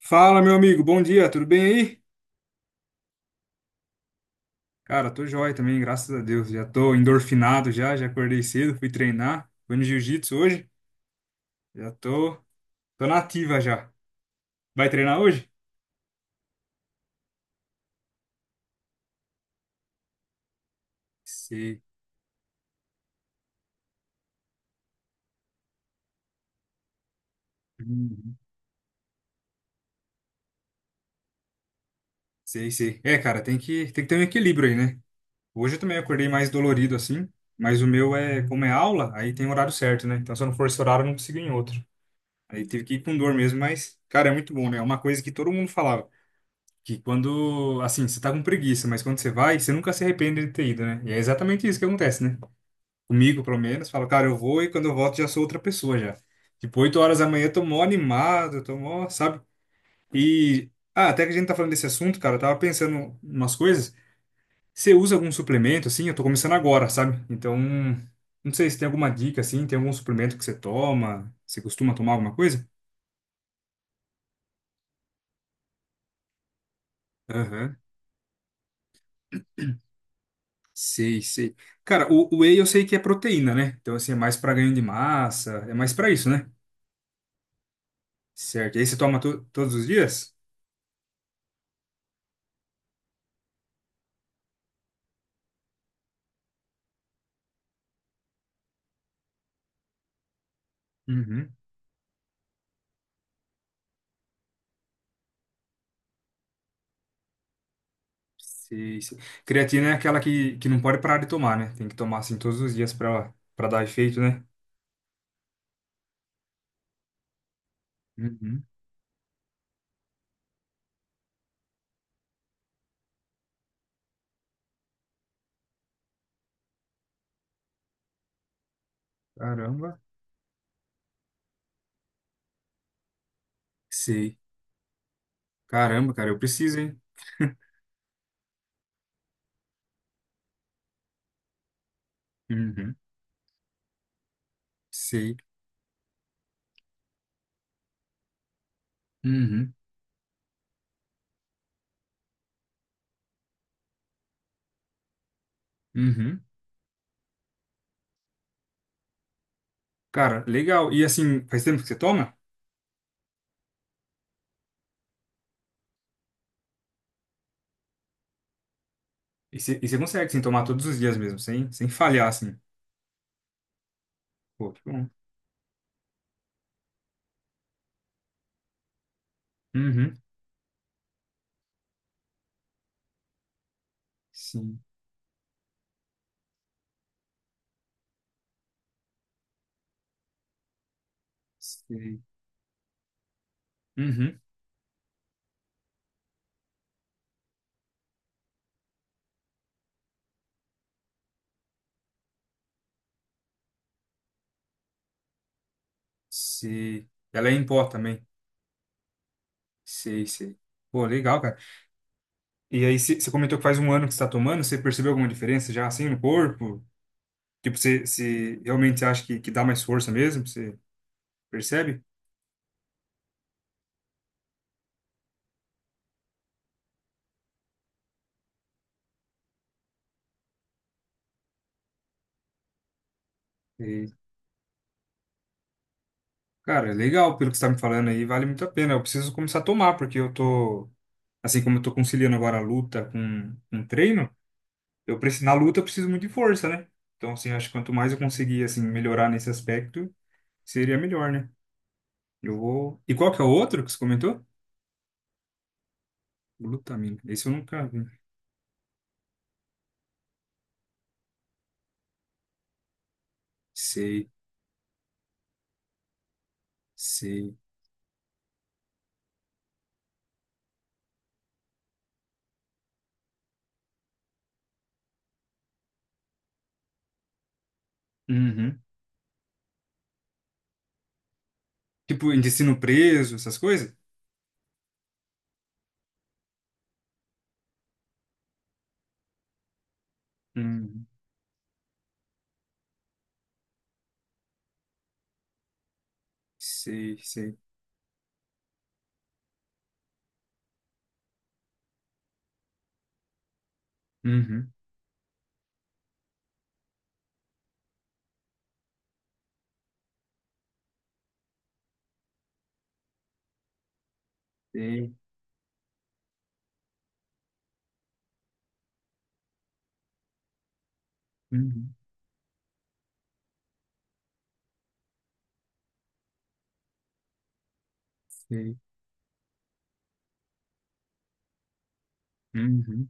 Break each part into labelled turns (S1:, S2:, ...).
S1: Fala, meu amigo, bom dia, tudo bem aí? Cara, tô joia também, graças a Deus. Já tô endorfinado já, já acordei cedo, fui treinar, fui no jiu-jitsu hoje, já tô, tô na ativa já. Vai treinar hoje? Sei. Uhum. Sei, sei. É, cara, tem que ter um equilíbrio aí, né? Hoje eu também acordei mais dolorido assim, mas o meu é, como é aula, aí tem horário certo, né? Então se eu não for esse horário, eu não consigo ir em outro. Aí tive que ir com dor mesmo, mas, cara, é muito bom, né? É uma coisa que todo mundo falava. Que quando, assim, você tá com preguiça, mas quando você vai, você nunca se arrepende de ter ido, né? E é exatamente isso que acontece, né? Comigo, pelo menos, falo, cara, eu vou e quando eu volto já sou outra pessoa já. Tipo, 8 horas da manhã eu tô mó animado, eu tô mó, sabe? E, ah, até que a gente tá falando desse assunto, cara, eu tava pensando umas coisas. Você usa algum suplemento, assim? Eu tô começando agora, sabe? Então, não sei se tem alguma dica, assim, tem algum suplemento que você toma? Você costuma tomar alguma coisa? Aham. Sei, sei. Cara, o whey eu sei que é proteína, né? Então, assim, é mais pra ganho de massa, é mais pra isso, né? Certo. E aí você toma todos os dias? Uhum. Sei, sei. Creatina é aquela que não pode parar de tomar, né? Tem que tomar, assim, todos os dias pra dar efeito, né? Uhum. Caramba. Sei. Caramba, cara, eu preciso, hein? Uhum. Sei. Uhum. Uhum. Cara, legal. E assim, faz tempo que você toma? E você consegue, assim, tomar todos os dias mesmo, sem falhar, assim. Pô, que bom. Uhum. Sim, sei. Uhum, sei. Ela é em pó também. Sei, sei. Pô, legal, cara. E aí, você comentou que faz um ano que você tá tomando, você percebeu alguma diferença já assim no corpo? Tipo, você realmente acha que dá mais força mesmo? Você percebe? E, cara, é legal pelo que você tá me falando aí, vale muito a pena. Eu preciso começar a tomar, porque eu tô, assim como eu tô conciliando agora a luta com um treino, eu preciso, na luta eu preciso muito de força, né? Então, assim, acho que quanto mais eu conseguir, assim, melhorar nesse aspecto, seria melhor, né? Eu vou. E qual que é o outro que você comentou? Glutamina. Esse eu nunca vi. Sei, sei. Uhum. Tipo, intestino preso, essas coisas? Uhum. Sei, sei. Uhum. Sei. Uhum. Sei. Uhum.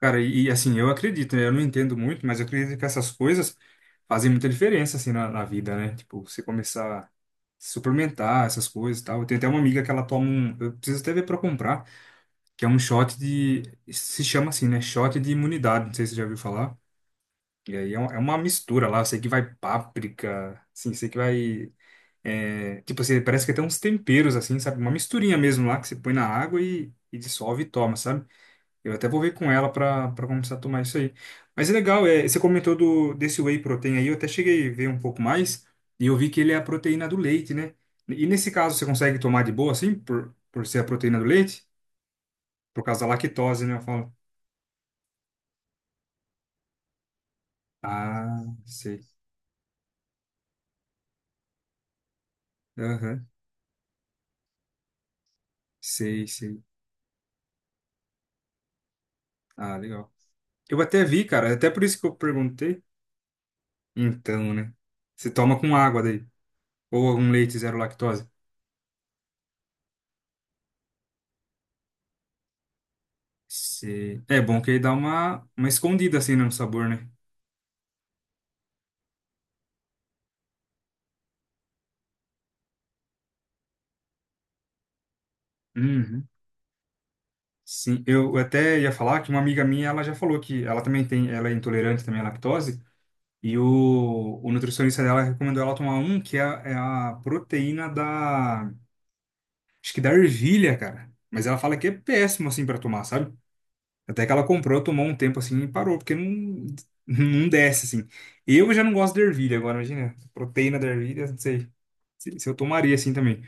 S1: Cara, assim, eu acredito, né? Eu não entendo muito, mas eu acredito que essas coisas fazem muita diferença, assim, na vida, né? Tipo, você começar a suplementar essas coisas e tal. Eu tenho até uma amiga que ela toma um. Eu preciso até ver pra comprar, que é um shot de. Se chama assim, né? Shot de imunidade. Não sei se você já ouviu falar. E aí é uma mistura lá. Eu sei que vai páprica, assim, sei que vai. É, tipo assim, parece que tem uns temperos, assim, sabe? Uma misturinha mesmo lá que você põe na água e dissolve e toma, sabe? Eu até vou ver com ela pra começar a tomar isso aí. Mas é legal, é, você comentou do, desse whey protein aí, eu até cheguei a ver um pouco mais e eu vi que ele é a proteína do leite, né? E nesse caso, você consegue tomar de boa, assim, por ser a proteína do leite? Por causa da lactose, né? Eu falo. Ah, sei. Aham, sei, sei. Ah, legal. Eu até vi, cara, é até por isso que eu perguntei. Então, né? Você toma com água daí. Ou um leite zero lactose. Sei. É bom que aí dá uma escondida assim né, no sabor, né? Uhum. Sim, eu até ia falar que uma amiga minha, ela já falou que ela também tem, ela é intolerante também à lactose, e o nutricionista dela recomendou ela tomar um que é, é a proteína da, acho que da ervilha, cara. Mas ela fala que é péssimo assim pra tomar, sabe? Até que ela comprou, tomou um tempo assim e parou, porque não desce assim. Eu já não gosto de ervilha agora, imagina. Proteína da ervilha, não sei se eu tomaria assim também.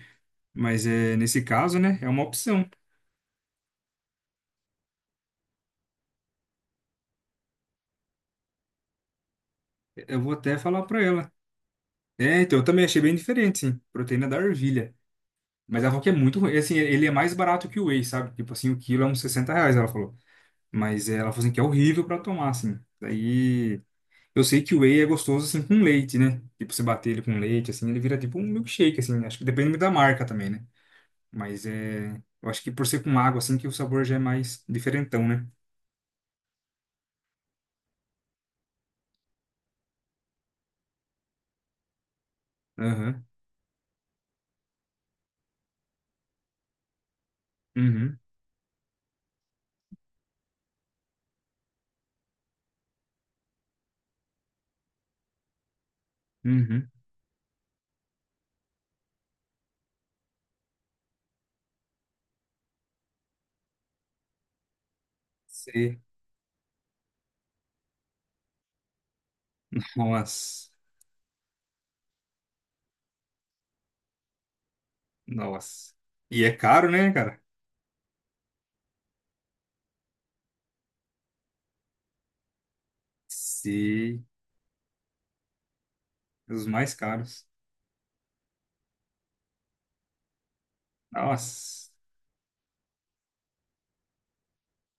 S1: Mas é, nesse caso, né, é uma opção. Eu vou até falar pra ela. É, então eu também achei bem diferente, sim. Proteína da ervilha. Mas ela falou que é muito ruim. Assim, ele é mais barato que o whey, sabe? Tipo assim, o quilo é uns 60 reais, ela falou. Mas é, ela falou assim que é horrível pra tomar, assim. Daí. Eu sei que o whey é gostoso assim com leite, né? Tipo, você bater ele com leite, assim, ele vira tipo um milkshake, assim. Acho que depende da marca também, né? Mas é. Eu acho que por ser com água, assim, que o sabor já é mais diferentão, né? Aham. Uhum. Uhum. Sei. Nossa. Nossa. E é caro, né, cara? Sim. Os mais caros. Nossa.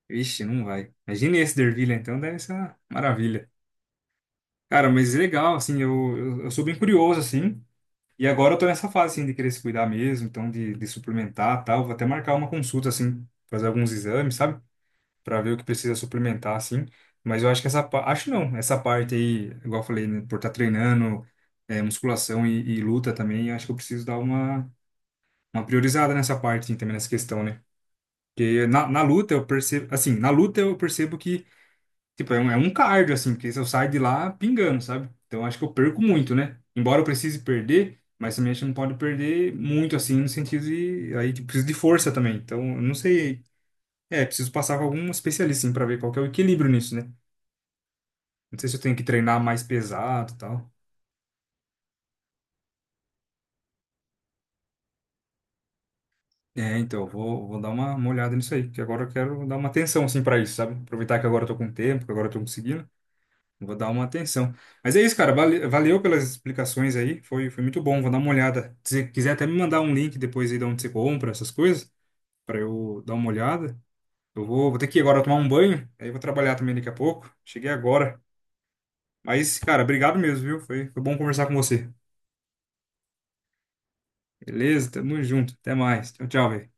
S1: Vixe, não vai. Imagine esse dervilha, então, deve ser uma maravilha. Cara, mas legal, assim, eu sou bem curioso, assim. E agora eu tô nessa fase, assim, de querer se cuidar mesmo, então de suplementar tal. Vou até marcar uma consulta, assim, fazer alguns exames, sabe? Pra ver o que precisa suplementar, assim. Mas eu acho que essa parte... Acho não, essa parte aí, igual eu falei, né? Por estar treinando é, musculação e luta também, eu acho que eu preciso dar uma priorizada nessa parte, assim, também nessa questão, né? Porque na luta eu percebo... Assim, na luta eu percebo que tipo, é um cardio, assim, porque se eu saio de lá pingando, sabe? Então acho que eu perco muito, né? Embora eu precise perder, mas também acho que não pode perder muito, assim, no sentido de. Aí tipo, preciso de força também. Então, eu não sei. É, preciso passar com algum especialista, assim, pra ver qual que é o equilíbrio nisso, né? Não sei se eu tenho que treinar mais pesado e tal. É, então, eu vou, vou dar uma olhada nisso aí, que agora eu quero dar uma atenção, assim, pra isso, sabe? Aproveitar que agora eu tô com tempo, que agora eu tô conseguindo. Vou dar uma atenção. Mas é isso, cara. Valeu pelas explicações aí. Foi, foi muito bom. Vou dar uma olhada. Se quiser até me mandar um link depois aí de onde você compra essas coisas, para eu dar uma olhada. Eu vou, vou ter que ir agora tomar um banho. Aí eu vou trabalhar também daqui a pouco. Cheguei agora. Mas, cara, obrigado mesmo, viu? Foi, foi bom conversar com você. Beleza? Tamo junto. Até mais. Tchau, tchau, velho.